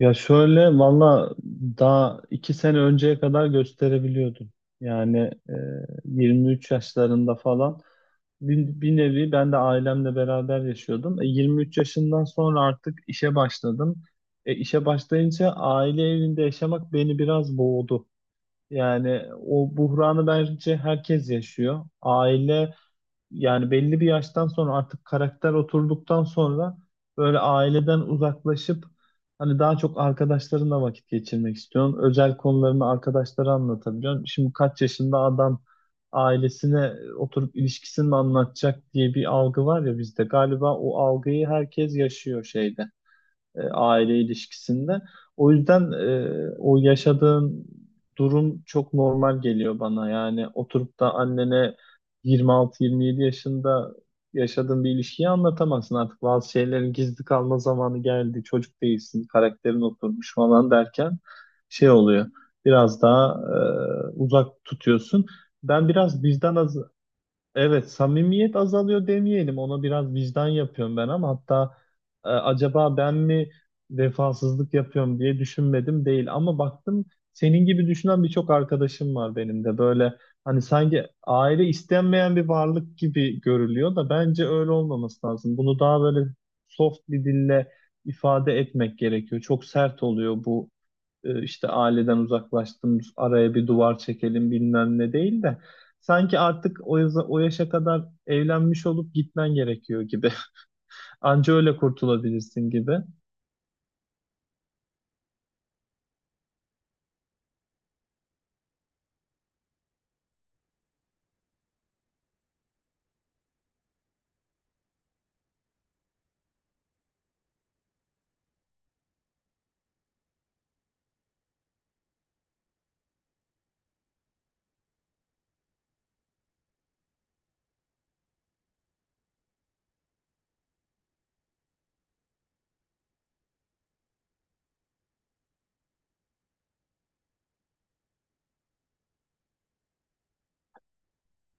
Ya şöyle valla daha iki sene önceye kadar gösterebiliyordum. Yani e, 23 yaşlarında falan bir nevi ben de ailemle beraber yaşıyordum. E, 23 yaşından sonra artık işe başladım. E, işe başlayınca aile evinde yaşamak beni biraz boğdu. Yani o buhranı bence herkes yaşıyor. Aile, yani belli bir yaştan sonra artık karakter oturduktan sonra böyle aileden uzaklaşıp hani daha çok arkadaşlarınla vakit geçirmek istiyorsun. Özel konularını arkadaşlara anlatabiliyorsun. Şimdi kaç yaşında adam ailesine oturup ilişkisini mi anlatacak diye bir algı var ya bizde. Galiba o algıyı herkes yaşıyor şeyde, aile ilişkisinde. O yüzden o yaşadığın durum çok normal geliyor bana. Yani oturup da annene 26-27 yaşında yaşadığın bir ilişkiyi anlatamazsın. Artık bazı şeylerin gizli kalma zamanı geldi. Çocuk değilsin, karakterin oturmuş falan derken şey oluyor. Biraz daha uzak tutuyorsun. Ben biraz vicdan az, evet, samimiyet azalıyor demeyelim. Ona biraz vicdan yapıyorum ben ama hatta, acaba ben mi vefasızlık yapıyorum diye düşünmedim değil. Ama baktım senin gibi düşünen birçok arkadaşım var benim de. Böyle hani sanki aile istenmeyen bir varlık gibi görülüyor da bence öyle olmaması lazım. Bunu daha böyle soft bir dille ifade etmek gerekiyor. Çok sert oluyor bu, işte aileden uzaklaştım, araya bir duvar çekelim bilmem ne değil de sanki artık o, o yaşa kadar evlenmiş olup gitmen gerekiyor gibi. Anca öyle kurtulabilirsin gibi.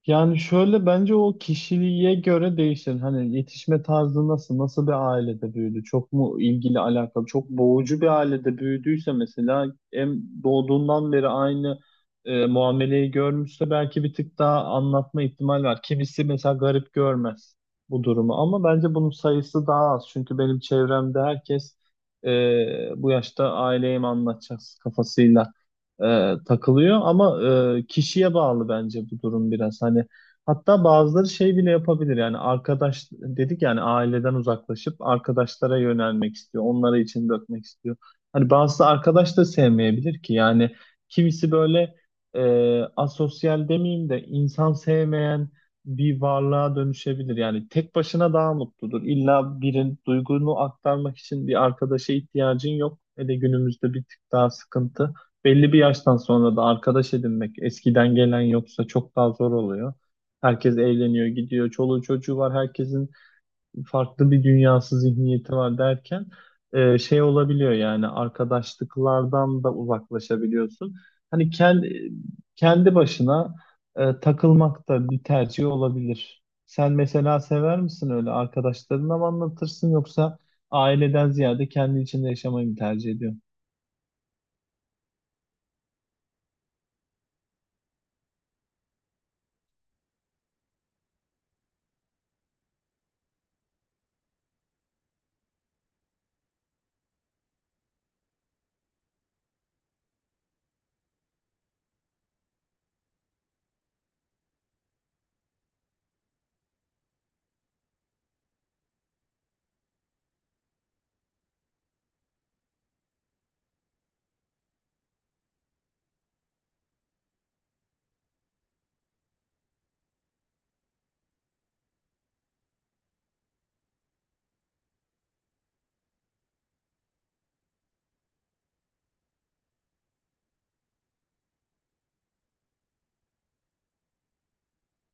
Yani şöyle, bence o kişiliğe göre değişir. Hani yetişme tarzı nasıl, nasıl bir ailede büyüdü? Çok mu ilgili alakalı? Çok boğucu bir ailede büyüdüyse mesela, hem doğduğundan beri aynı muameleyi görmüşse belki bir tık daha anlatma ihtimali var. Kimisi mesela garip görmez bu durumu ama bence bunun sayısı daha az. Çünkü benim çevremde herkes e, bu yaşta aileye mi anlatacağız kafasıyla takılıyor ama kişiye bağlı bence bu durum biraz hani, hatta bazıları şey bile yapabilir yani, arkadaş dedik yani aileden uzaklaşıp arkadaşlara yönelmek istiyor, onlara için dökmek istiyor, hani bazısı arkadaş da sevmeyebilir ki yani. Kimisi böyle e, asosyal demeyeyim de insan sevmeyen bir varlığa dönüşebilir yani, tek başına daha mutludur. İlla birin duygunu aktarmak için bir arkadaşa ihtiyacın yok, hele günümüzde bir tık daha sıkıntı. Belli bir yaştan sonra da arkadaş edinmek, eskiden gelen yoksa, çok daha zor oluyor. Herkes evleniyor, gidiyor, çoluğu çocuğu var, herkesin farklı bir dünyası, zihniyeti var derken şey olabiliyor yani arkadaşlıklardan da uzaklaşabiliyorsun. Hani kendi başına takılmak da bir tercih olabilir. Sen mesela sever misin, öyle arkadaşlarına mı anlatırsın yoksa aileden ziyade kendi içinde yaşamayı mı tercih ediyorsun?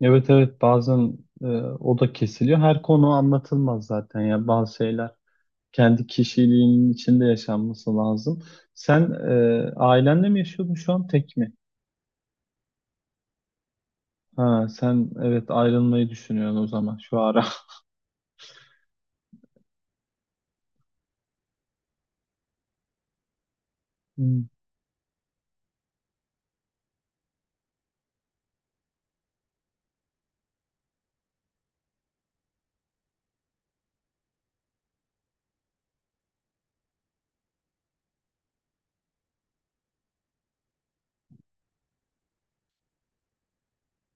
Evet, evet, bazen o da kesiliyor. Her konu anlatılmaz zaten ya, bazı şeyler kendi kişiliğinin içinde yaşanması lazım. Sen ailenle mi yaşıyordun, şu an tek mi? Ha sen, evet, ayrılmayı düşünüyorsun o zaman şu ara. Hmm.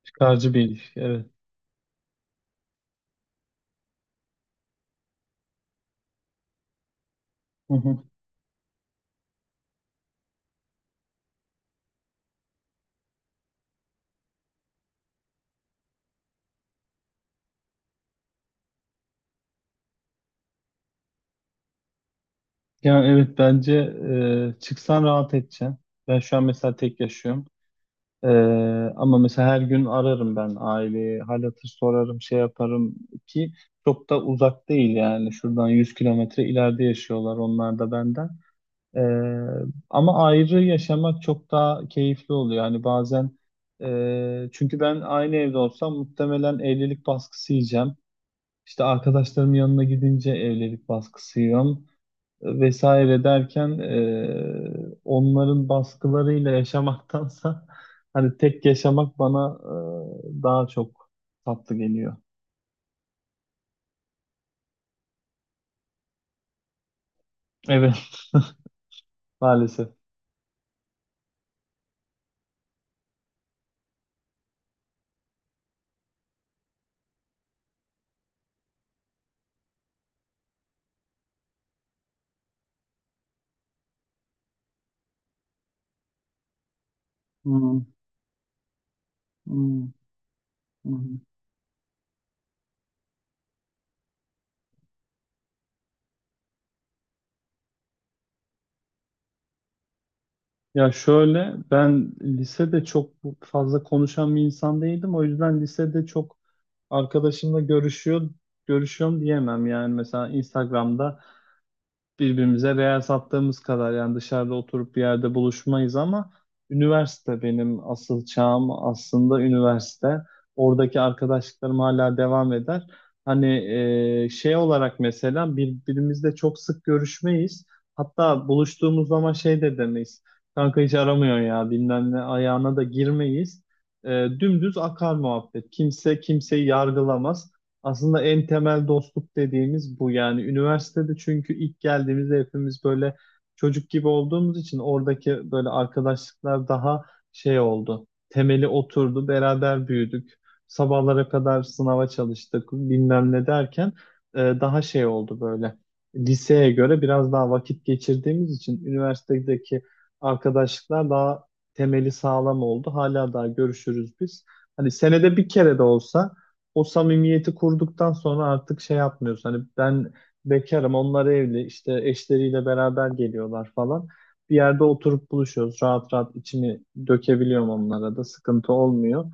Çıkarcı bir ilişki, evet. Hı hı. Ya evet, bence çıksan rahat edeceksin. Ben şu an mesela tek yaşıyorum. Ee, Ama mesela her gün ararım ben aileyi, hal hatır sorarım, şey yaparım ki çok da uzak değil yani. Şuradan 100 kilometre ileride yaşıyorlar onlar da benden. Ee, ama ayrı yaşamak çok daha keyifli oluyor. Yani bazen, çünkü ben aynı evde olsam muhtemelen evlilik baskısı yiyeceğim. İşte arkadaşlarımın yanına gidince evlilik baskısı yiyorum vesaire derken, onların baskılarıyla yaşamaktansa hani tek yaşamak bana daha çok tatlı geliyor. Evet, maalesef. Hmm, hmm, hmm. Ya şöyle, ben lisede çok fazla konuşan bir insan değildim. O yüzden lisede çok arkadaşımla görüşüyorum diyemem yani, mesela Instagram'da birbirimize real sattığımız kadar yani, dışarıda oturup bir yerde buluşmayız ama üniversite benim asıl çağım, aslında üniversite. Oradaki arkadaşlıklarım hala devam eder. Hani şey olarak mesela birbirimizle çok sık görüşmeyiz. Hatta buluştuğumuz zaman şey de demeyiz. Kanka hiç aramıyor ya bilmem ne ayağına da girmeyiz. E, Dümdüz akar muhabbet. Kimse kimseyi yargılamaz. Aslında en temel dostluk dediğimiz bu yani, üniversitede, çünkü ilk geldiğimizde hepimiz böyle çocuk gibi olduğumuz için oradaki böyle arkadaşlıklar daha şey oldu. Temeli oturdu, beraber büyüdük. Sabahlara kadar sınava çalıştık, bilmem ne derken daha şey oldu böyle. Liseye göre biraz daha vakit geçirdiğimiz için üniversitedeki arkadaşlıklar daha temeli sağlam oldu. Hala daha görüşürüz biz. Hani senede bir kere de olsa, o samimiyeti kurduktan sonra artık şey yapmıyorsun. Hani ben bekarım, onlar evli, işte eşleriyle beraber geliyorlar falan. Bir yerde oturup buluşuyoruz. Rahat rahat içimi dökebiliyorum onlara da. Sıkıntı olmuyor.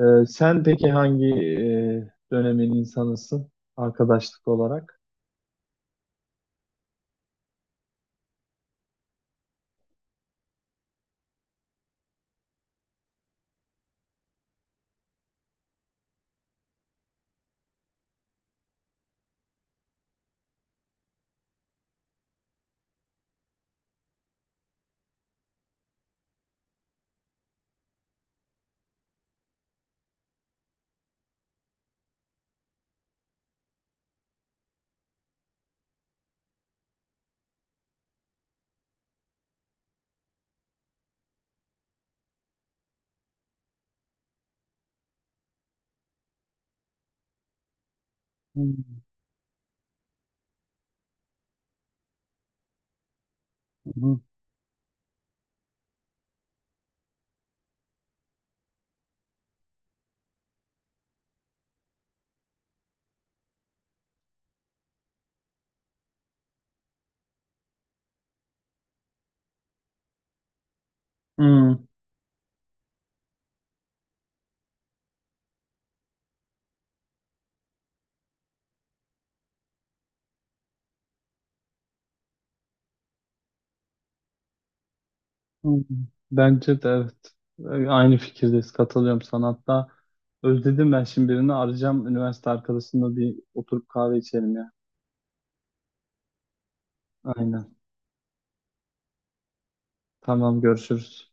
Sen peki hangi dönemin insanısın, arkadaşlık olarak? Hmm, hmm, hmm, hmm. Bence de evet. Aynı fikirdeyiz. Katılıyorum sana. Hatta özledim, ben şimdi birini arayacağım. Üniversite arkadaşımla bir oturup kahve içelim ya. Aynen. Tamam, görüşürüz.